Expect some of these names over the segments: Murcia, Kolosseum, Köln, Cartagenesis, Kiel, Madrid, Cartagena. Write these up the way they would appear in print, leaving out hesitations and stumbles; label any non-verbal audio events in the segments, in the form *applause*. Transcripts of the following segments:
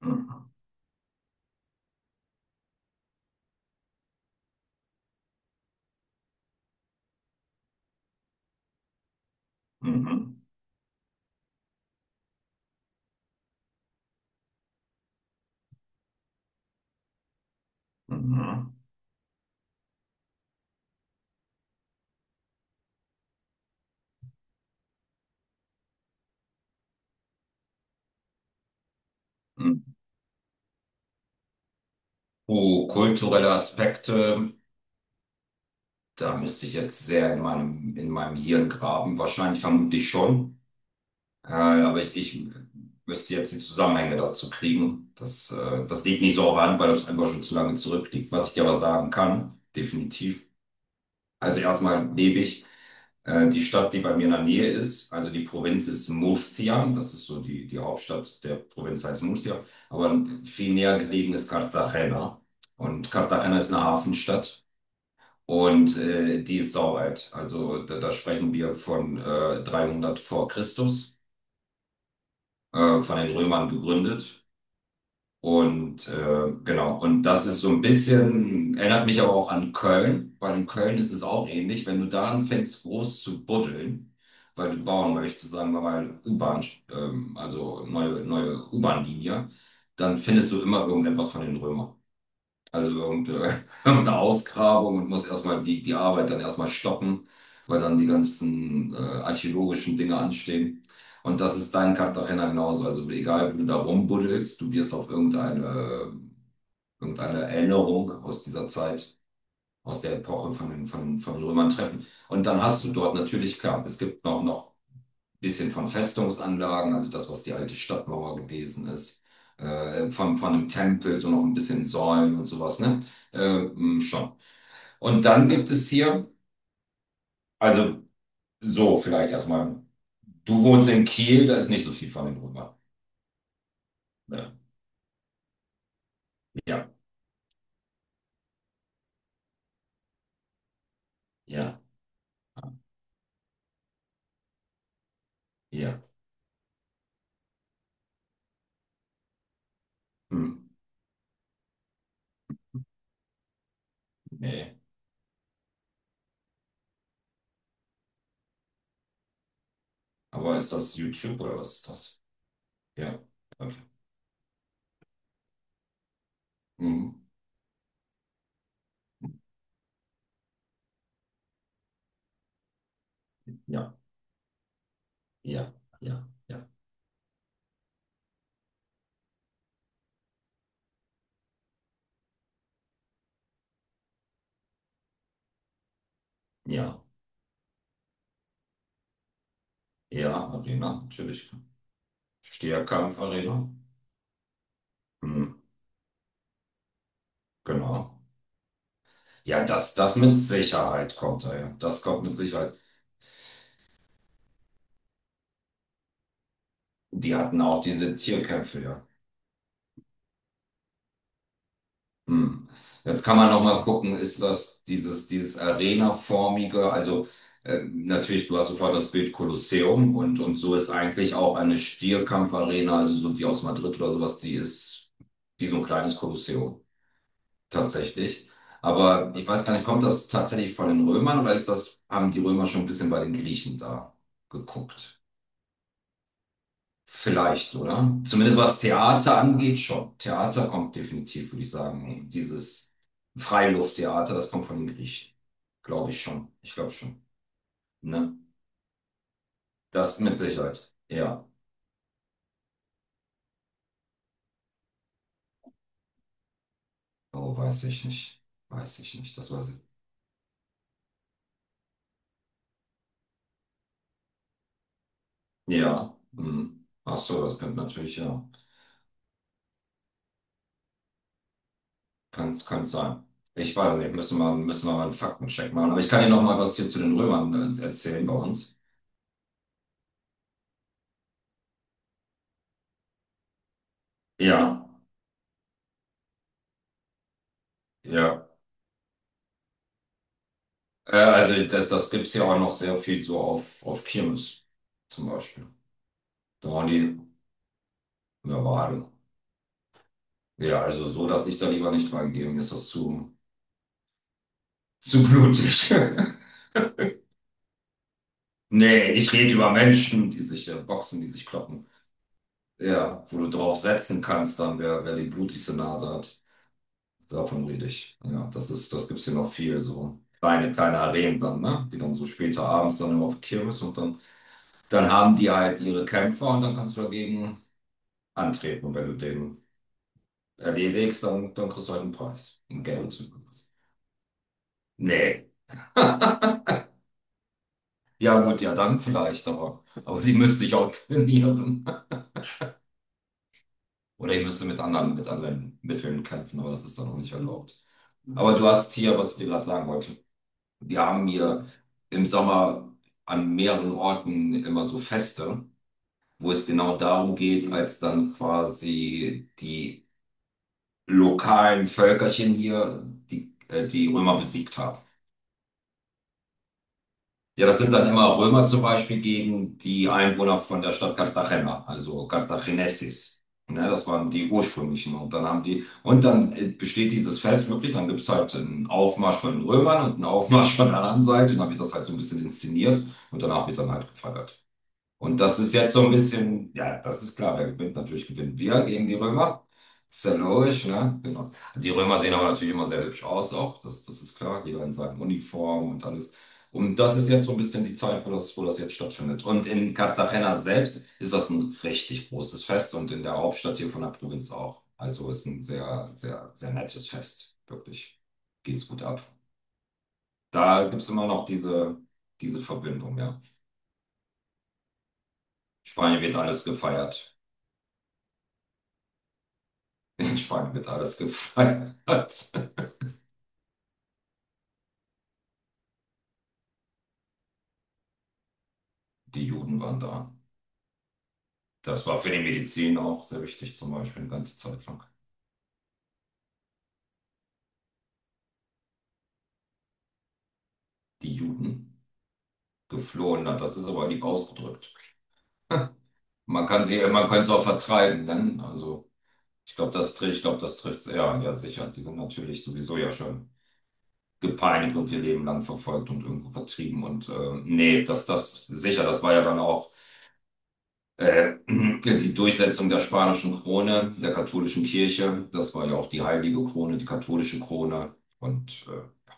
Mhm, mhm, mhm, mhm. Oh, kulturelle Aspekte, da müsste ich jetzt sehr in meinem Hirn graben. Wahrscheinlich vermutlich schon. Aber ich müsste jetzt die Zusammenhänge dazu kriegen. Das liegt nicht so auf der Hand, weil das einfach schon zu lange zurückliegt. Was ich dir aber sagen kann, definitiv. Also erstmal lebe ich die Stadt, die bei mir in der Nähe ist. Also die Provinz ist Murcia. Das ist so die Hauptstadt der Provinz heißt Murcia. Aber viel näher gelegen ist Cartagena. Und Cartagena ist eine Hafenstadt. Die ist saualt. Also da sprechen wir von 300 vor Christus, von den Römern gegründet. Und das ist so ein bisschen, erinnert mich aber auch an Köln, weil in Köln ist es auch ähnlich, wenn du da anfängst, groß zu buddeln, weil du bauen möchtest, sagen wir mal, U-Bahn, neue U-Bahn-Linie, dann findest du immer irgendetwas von den Römern. Also irgendeine *laughs* irgendeine Ausgrabung und muss erstmal die Arbeit dann erstmal stoppen, weil dann die ganzen archäologischen Dinge anstehen. Und das ist dein Cartagena genauso. Also egal, wo du da rumbuddelst, du wirst auf irgendeine Erinnerung aus dieser Zeit, aus der Epoche von den Römern treffen. Und dann hast du dort natürlich, klar, es gibt noch bisschen von Festungsanlagen, also das, was die alte Stadtmauer gewesen ist, von einem Tempel, so noch ein bisschen Säulen und sowas, ne? Schon. Und dann gibt es hier, also so vielleicht erstmal, du wohnst in Kiel, da ist nicht so viel von den Römern. Ne? Ja, ja, ja. Hm, nee. Aber ist das YouTube oder was ist das? Ja, okay. Mhm. Ja, ja, ja, ja, ja, ja, Arena, natürlich. Stierkampf-Arena. Mhm. Genau. Ja, das, das mit Sicherheit kommt da, ja. Das kommt mit Sicherheit. Die hatten auch diese Tierkämpfe, ja. Hm. Jetzt kann man noch mal gucken, ist das dieses, Arena-formige, also natürlich, du hast sofort das Bild Kolosseum und so ist eigentlich auch eine Stierkampfarena, also so die aus Madrid oder sowas, die ist wie so ein kleines Kolosseum, tatsächlich. Aber ich weiß gar nicht, kommt das tatsächlich von den Römern oder ist das, haben die Römer schon ein bisschen bei den Griechen da geguckt? Vielleicht, oder? Zumindest was Theater angeht, schon. Theater kommt definitiv, würde ich sagen. Dieses Freilufttheater, das kommt von den Griechen. Glaube ich schon. Ich glaube schon. Ne? Das mit Sicherheit. Ja. Oh, weiß ich nicht. Weiß ich nicht. Das weiß ich. Ja. Hm. Ach so, das könnte natürlich, ja. Kann, kann sein. Ich weiß nicht. Müssen wir mal einen Faktencheck machen. Aber ich kann dir noch mal was hier zu den Römern erzählen bei uns. Ja. Ja. Das, das gibt es ja auch noch sehr viel so auf Kirmes zum Beispiel. Da waren die Normale. Ja, also so, dass ich da lieber nicht reingehe, mir ist das zu blutig. *laughs* Nee, ich rede über Menschen, die sich boxen, die sich kloppen. Ja, wo du drauf setzen kannst, dann wer die blutigste Nase hat. Davon rede ich. Ja, das ist, das gibt's hier noch viel so. Kleine Arenen dann, ne? Die dann so später abends dann immer auf die Kirmes und dann, dann haben die halt ihre Kämpfer und dann kannst du dagegen antreten, wenn du den Ja, die wenigsten dann, dann kriegst du halt einen interessanten Preis. Einen gelben Zyklus. Nee. *laughs* Ja, gut, ja, dann vielleicht, aber die müsste ich auch *laughs* trainieren. Oder ich müsste mit anderen Mitteln kämpfen, aber das ist dann auch nicht erlaubt. Aber du hast hier, was ich dir gerade sagen wollte. Wir haben hier im Sommer an mehreren Orten immer so Feste, wo es genau darum geht, als dann quasi die lokalen Völkerchen hier, die Römer besiegt haben. Ja, das sind dann immer Römer zum Beispiel gegen die Einwohner von der Stadt Cartagena, also Cartagenesis. Ne, das waren die ursprünglichen. Und dann haben die, und dann besteht dieses Fest wirklich, dann gibt es halt einen Aufmarsch von den Römern und einen Aufmarsch von der anderen Seite. Und dann wird das halt so ein bisschen inszeniert und danach wird dann halt gefeiert. Und das ist jetzt so ein bisschen, ja, das ist klar, wer gewinnt, natürlich gewinnen wir gegen die Römer. Ist ja logisch, ne? Genau. Die Römer sehen aber natürlich immer sehr hübsch aus auch, das, das ist klar, jeder in seiner Uniform und alles. Und das ist jetzt so ein bisschen die Zeit, wo das jetzt stattfindet. Und in Cartagena selbst ist das ein richtig großes Fest und in der Hauptstadt hier von der Provinz auch. Also ist ein sehr, sehr, sehr nettes Fest, wirklich. Geht's gut ab. Da gibt's immer noch diese, diese Verbindung, ja. Spanien wird alles gefeiert. In Spanien wird alles gefeiert. Hat. Die Juden waren da. Das war für die Medizin auch sehr wichtig, zum Beispiel eine ganze Zeit lang. Die Juden geflohen, hat, das ist aber lieb ausgedrückt. *laughs* Man kann sie auch vertreiben, dann. Also, ich glaube, das trifft, ich glaube, das trifft es eher. Ja, sicher. Die sind natürlich sowieso ja schon gepeinigt und ihr Leben lang verfolgt und irgendwo vertrieben. Und nee, das, das, sicher, das war ja dann auch *clears throat* die Durchsetzung der spanischen Krone, der katholischen Kirche. Das war ja auch die heilige Krone, die katholische Krone. Und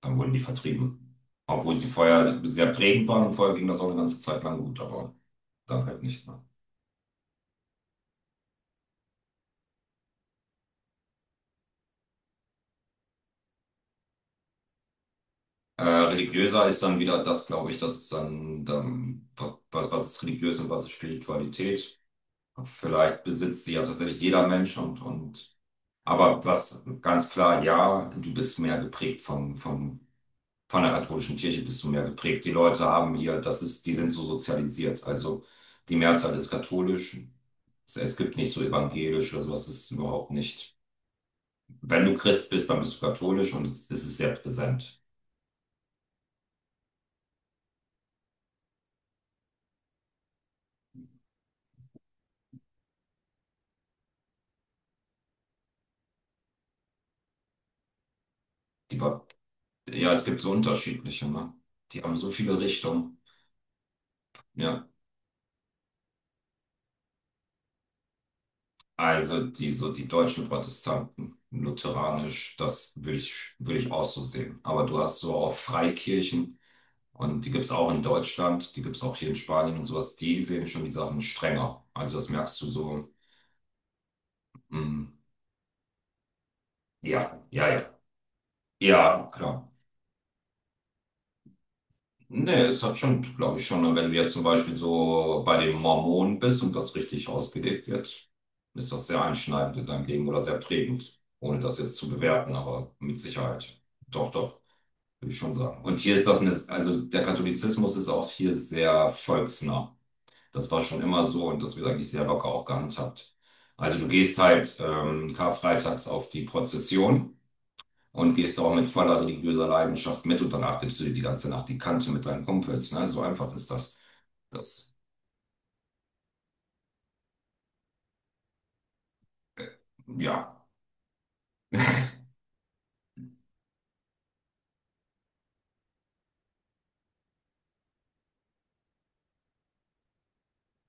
dann wurden die vertrieben. Obwohl sie vorher sehr prägend waren und vorher ging das auch eine ganze Zeit lang gut, aber dann halt nicht mehr. Religiöser ist dann wieder das, glaube ich, das ist dann, dann was, was ist religiös und was ist Spiritualität. Vielleicht besitzt sie ja tatsächlich jeder Mensch und aber was ganz klar, ja, du bist mehr geprägt vom von der katholischen Kirche bist du mehr geprägt. Die Leute haben hier, das ist, die sind so sozialisiert. Also die Mehrzahl ist katholisch. Es gibt nicht so evangelisch oder sowas, das ist überhaupt nicht. Wenn du Christ bist, dann bist du katholisch und es ist sehr präsent. Die, Ba- ja, es gibt so unterschiedliche, ne? Die haben so viele Richtungen. Ja, also die, so die deutschen Protestanten, lutheranisch, das würde ich auch so sehen. Aber du hast so auch Freikirchen. Und die gibt es auch in Deutschland, die gibt es auch hier in Spanien und sowas. Die sehen schon die Sachen strenger. Also das merkst du so. mm, ja, ja, ja. Ja, klar. Nee, es hat schon, glaube ich, schon. Und wenn du jetzt zum Beispiel so bei den Mormonen bist und das richtig ausgelebt wird, ist das sehr einschneidend in deinem Leben oder sehr prägend. Ohne das jetzt zu bewerten, aber mit Sicherheit. Doch, doch, würde ich schon sagen. Und hier ist das eine, also der Katholizismus ist auch hier sehr volksnah. Das war schon immer so und das wird eigentlich sehr locker auch gehandhabt. Also du gehst halt karfreitags auf die Prozession und gehst da auch mit voller religiöser Leidenschaft mit und danach gibst du dir die ganze Nacht die Kante mit deinen Kumpels. Ne? So einfach ist das. Das, ja.